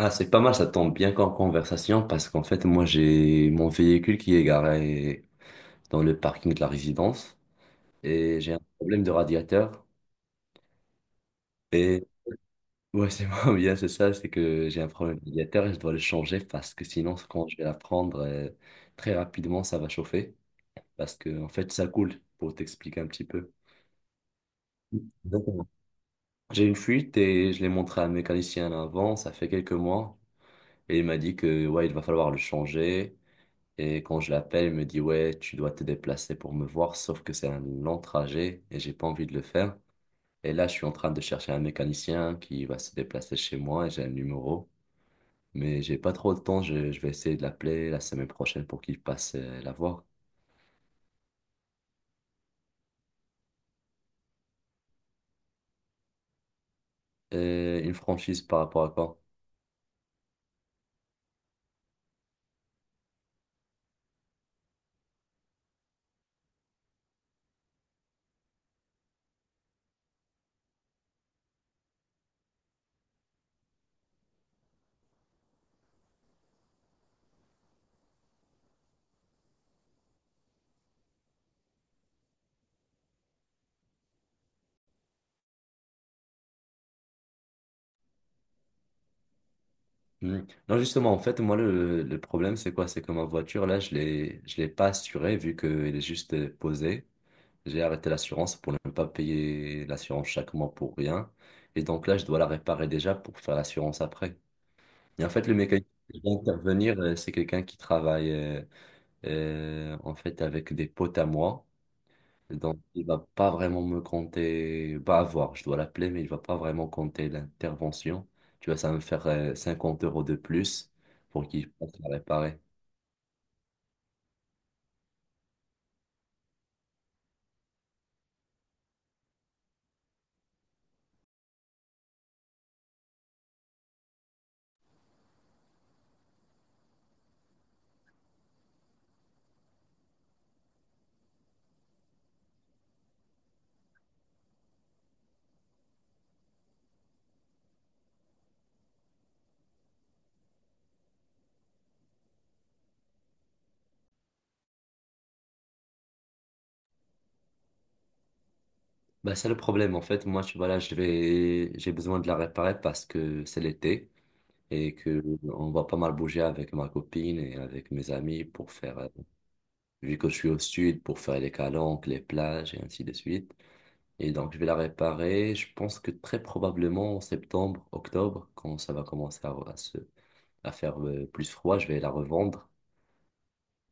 Ah, c'est pas mal, ça tombe bien qu'en conversation parce qu'en fait, moi, j'ai mon véhicule qui est garé dans le parking de la résidence et j'ai un problème de radiateur. Et ouais, c'est moi, bien, c'est ça, c'est que j'ai un problème de radiateur et je dois le changer parce que sinon, quand je vais la prendre très rapidement, ça va chauffer parce que en fait, ça coule pour t'expliquer un petit peu. Exactement. J'ai une fuite et je l'ai montré à un mécanicien avant, ça fait quelques mois, et il m'a dit que ouais, il va falloir le changer. Et quand je l'appelle, il me dit, ouais, tu dois te déplacer pour me voir, sauf que c'est un long trajet et j'ai pas envie de le faire. Et là, je suis en train de chercher un mécanicien qui va se déplacer chez moi et j'ai un numéro. Mais j'ai pas trop de temps, je vais essayer de l'appeler la semaine prochaine pour qu'il passe la voir. Et une franchise par rapport à quoi? Hmm. Non, justement, en fait, moi, le problème, c'est quoi? C'est que ma voiture, là, je l'ai pas assurée vu qu'elle est juste posée. J'ai arrêté l'assurance pour ne pas payer l'assurance chaque mois pour rien. Et donc là, je dois la réparer déjà pour faire l'assurance après. Et en fait, le mécanicien qui va intervenir, c'est quelqu'un qui travaille en fait avec des potes à moi. Donc, il va pas vraiment me compter, pas avoir, je dois l'appeler, mais il va pas vraiment compter l'intervention. Tu vois, ça va me faire 50 € de plus pour qu'il puisse la réparer. Bah, c'est le problème. En fait, moi, tu vois, là, j'ai besoin de la réparer parce que c'est l'été. Et que on va pas mal bouger avec ma copine et avec mes amis pour faire, vu que je suis au sud, pour faire les calanques, les plages et ainsi de suite. Et donc, je vais la réparer. Je pense que très probablement en septembre, octobre, quand ça va commencer à faire plus froid, je vais la revendre.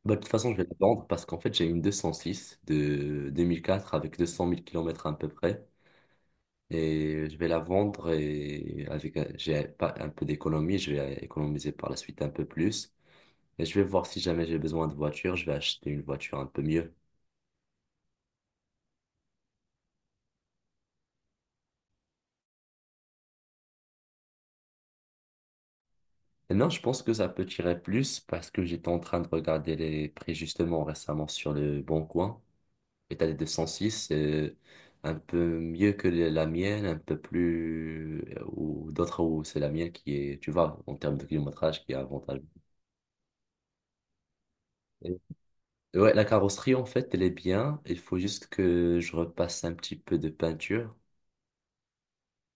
Bah, de toute façon, je vais la vendre parce qu'en fait, j'ai une 206 de 2004 avec 200 000 km à peu près. Et je vais la vendre et avec, j'ai pas un peu d'économie, je vais économiser par la suite un peu plus. Et je vais voir si jamais j'ai besoin de voiture, je vais acheter une voiture un peu mieux. Et non, je pense que ça peut tirer plus parce que j'étais en train de regarder les prix justement récemment sur le Bon Coin. Et t'as des 206 c'est un peu mieux que la mienne, un peu plus, ou d'autres où c'est la mienne qui est, tu vois, en termes de kilométrage, qui est avantageux. Et- Ouais, la carrosserie en fait, elle est bien. Il faut juste que je repasse un petit peu de peinture.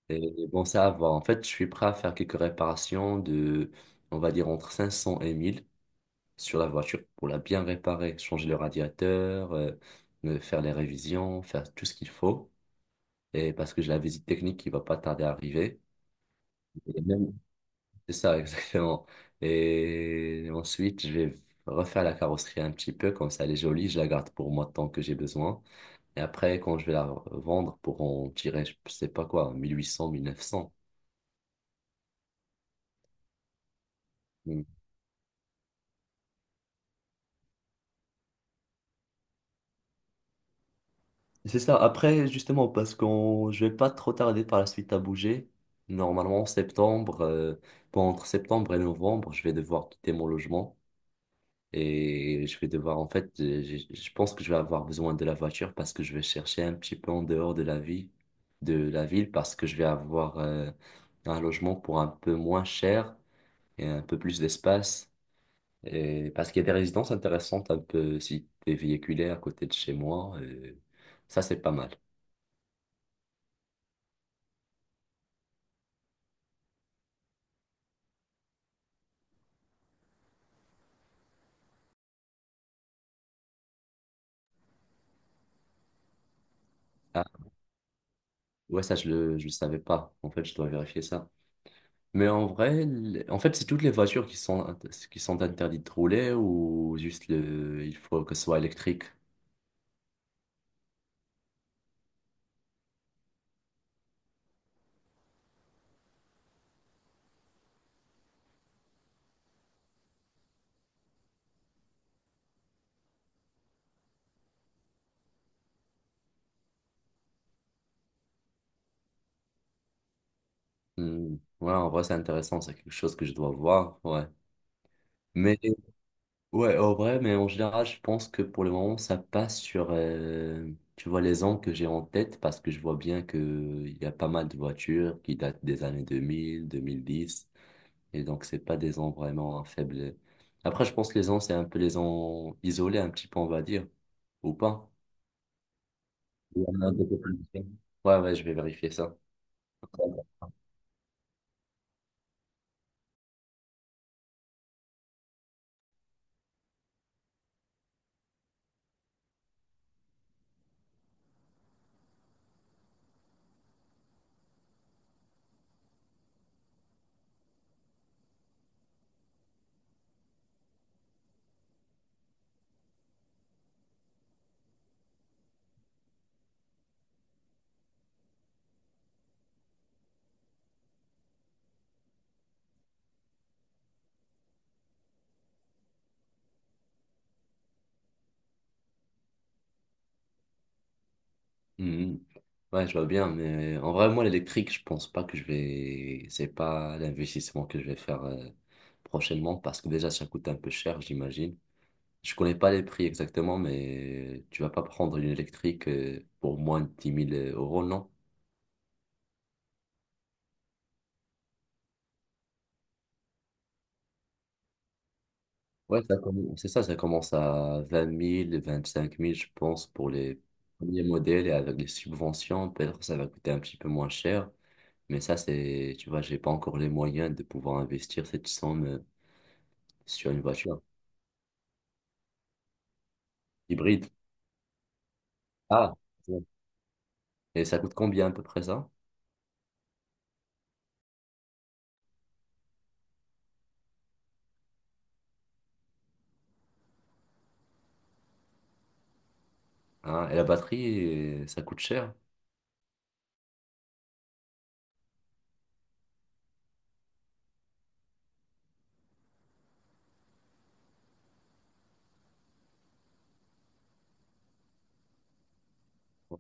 Et bon, ça va. En fait, je suis prêt à faire quelques réparations de, on va dire, entre 500 et 1000 sur la voiture pour la bien réparer, changer le radiateur, faire les révisions, faire tout ce qu'il faut. Et parce que j'ai la visite technique qui va pas tarder à arriver. Et même- C'est ça, exactement. Et ensuite, je vais refaire la carrosserie un petit peu, comme ça elle est jolie, je la garde pour moi tant que j'ai besoin. Et après, quand je vais la vendre pour en tirer, je sais pas quoi, 1800, 1900. C'est ça. Après, justement, je vais pas trop tarder par la suite à bouger. Normalement, en septembre, bon, entre septembre et novembre, je vais devoir quitter mon logement et je vais devoir, en fait, je pense que je vais avoir besoin de la voiture parce que je vais chercher un petit peu en dehors de la vie, de la ville, parce que je vais avoir un logement pour un peu moins cher et un peu plus d'espace. Et parce qu'il y a des résidences intéressantes un peu si t'es véhiculé à côté de chez moi, ça c'est pas mal. Ouais, ça, je le savais pas. En fait, je dois vérifier ça. Mais en vrai, en fait, c'est toutes les voitures qui sont, qui sont interdites de rouler ou juste il faut que ce soit électrique. Hmm. Ouais, en vrai, c'est intéressant. C'est quelque chose que je dois voir. Ouais. Mais, ouais, en vrai, mais en général, je pense que pour le moment, ça passe sur, tu vois, les ans que j'ai en tête parce que je vois bien que il y a pas mal de voitures qui datent des années 2000, 2010. Et donc, c'est pas des ans vraiment faibles. Après, je pense que les ans, c'est un peu les ans isolés, un petit peu, on va dire. Ou pas. Il y en a des populations. Ouais, ouais, je vais vérifier ça. Mhm. Ouais, je vois bien, mais en vrai, moi, l'électrique, je pense pas que je vais. C'est pas l'investissement que je vais faire prochainement parce que déjà, ça coûte un peu cher, j'imagine. Je connais pas les prix exactement, mais tu vas pas prendre une électrique pour moins de dix mille euros, non? Ouais, ça commence, c'est ça, ça commence à 20 000 25 000 je pense, pour les premiers modèles et avec les subventions, peut-être que ça va coûter un petit peu moins cher. Mais ça, c'est, tu vois, j'ai pas encore les moyens de pouvoir investir cette somme sur une voiture hybride. Ah, bon. Et ça coûte combien à peu près ça? Hein, et la batterie, ça coûte cher. Ouais.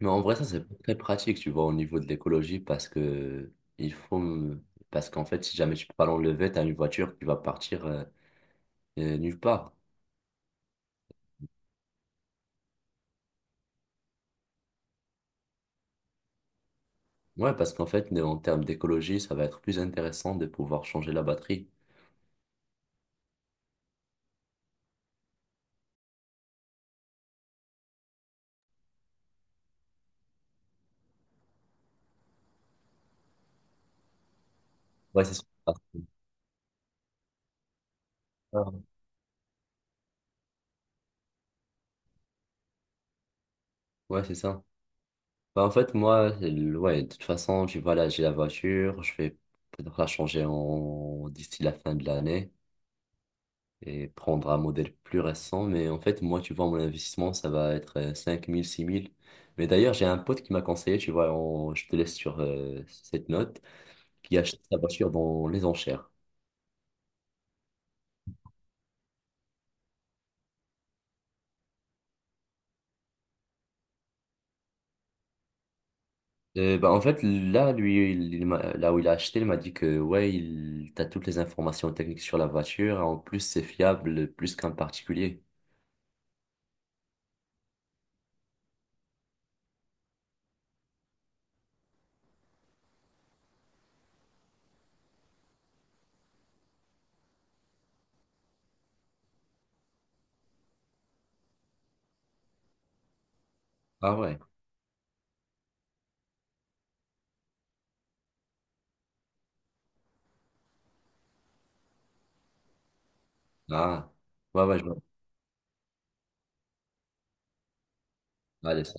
Mais en vrai, ça, c'est pas très pratique, tu vois, au niveau de l'écologie, parce que il faut, parce qu'en fait, si jamais tu peux pas l'enlever, t'as une voiture qui va partir nulle part. Ouais, parce qu'en fait, en termes d'écologie, ça va être plus intéressant de pouvoir changer la batterie. Ouais, c'est ça. Ah. Ouais, c'est ça. Bah, en fait, moi, ouais, de toute façon, tu vois, là, j'ai la voiture, je vais peut-être la changer d'ici la fin de l'année et prendre un modèle plus récent. Mais en fait, moi, tu vois, mon investissement, ça va être 5 000, 6 000. Mais d'ailleurs, j'ai un pote qui m'a conseillé, tu vois, je te laisse sur cette note, qui achète sa voiture dans les enchères. Bah, en fait, là, lui, là où il a acheté, il m'a dit que, ouais, t'as toutes les informations techniques sur la voiture. En plus, c'est fiable plus qu'un particulier. Ah ouais. Ah. Ouais, ouais, je vois. Allez,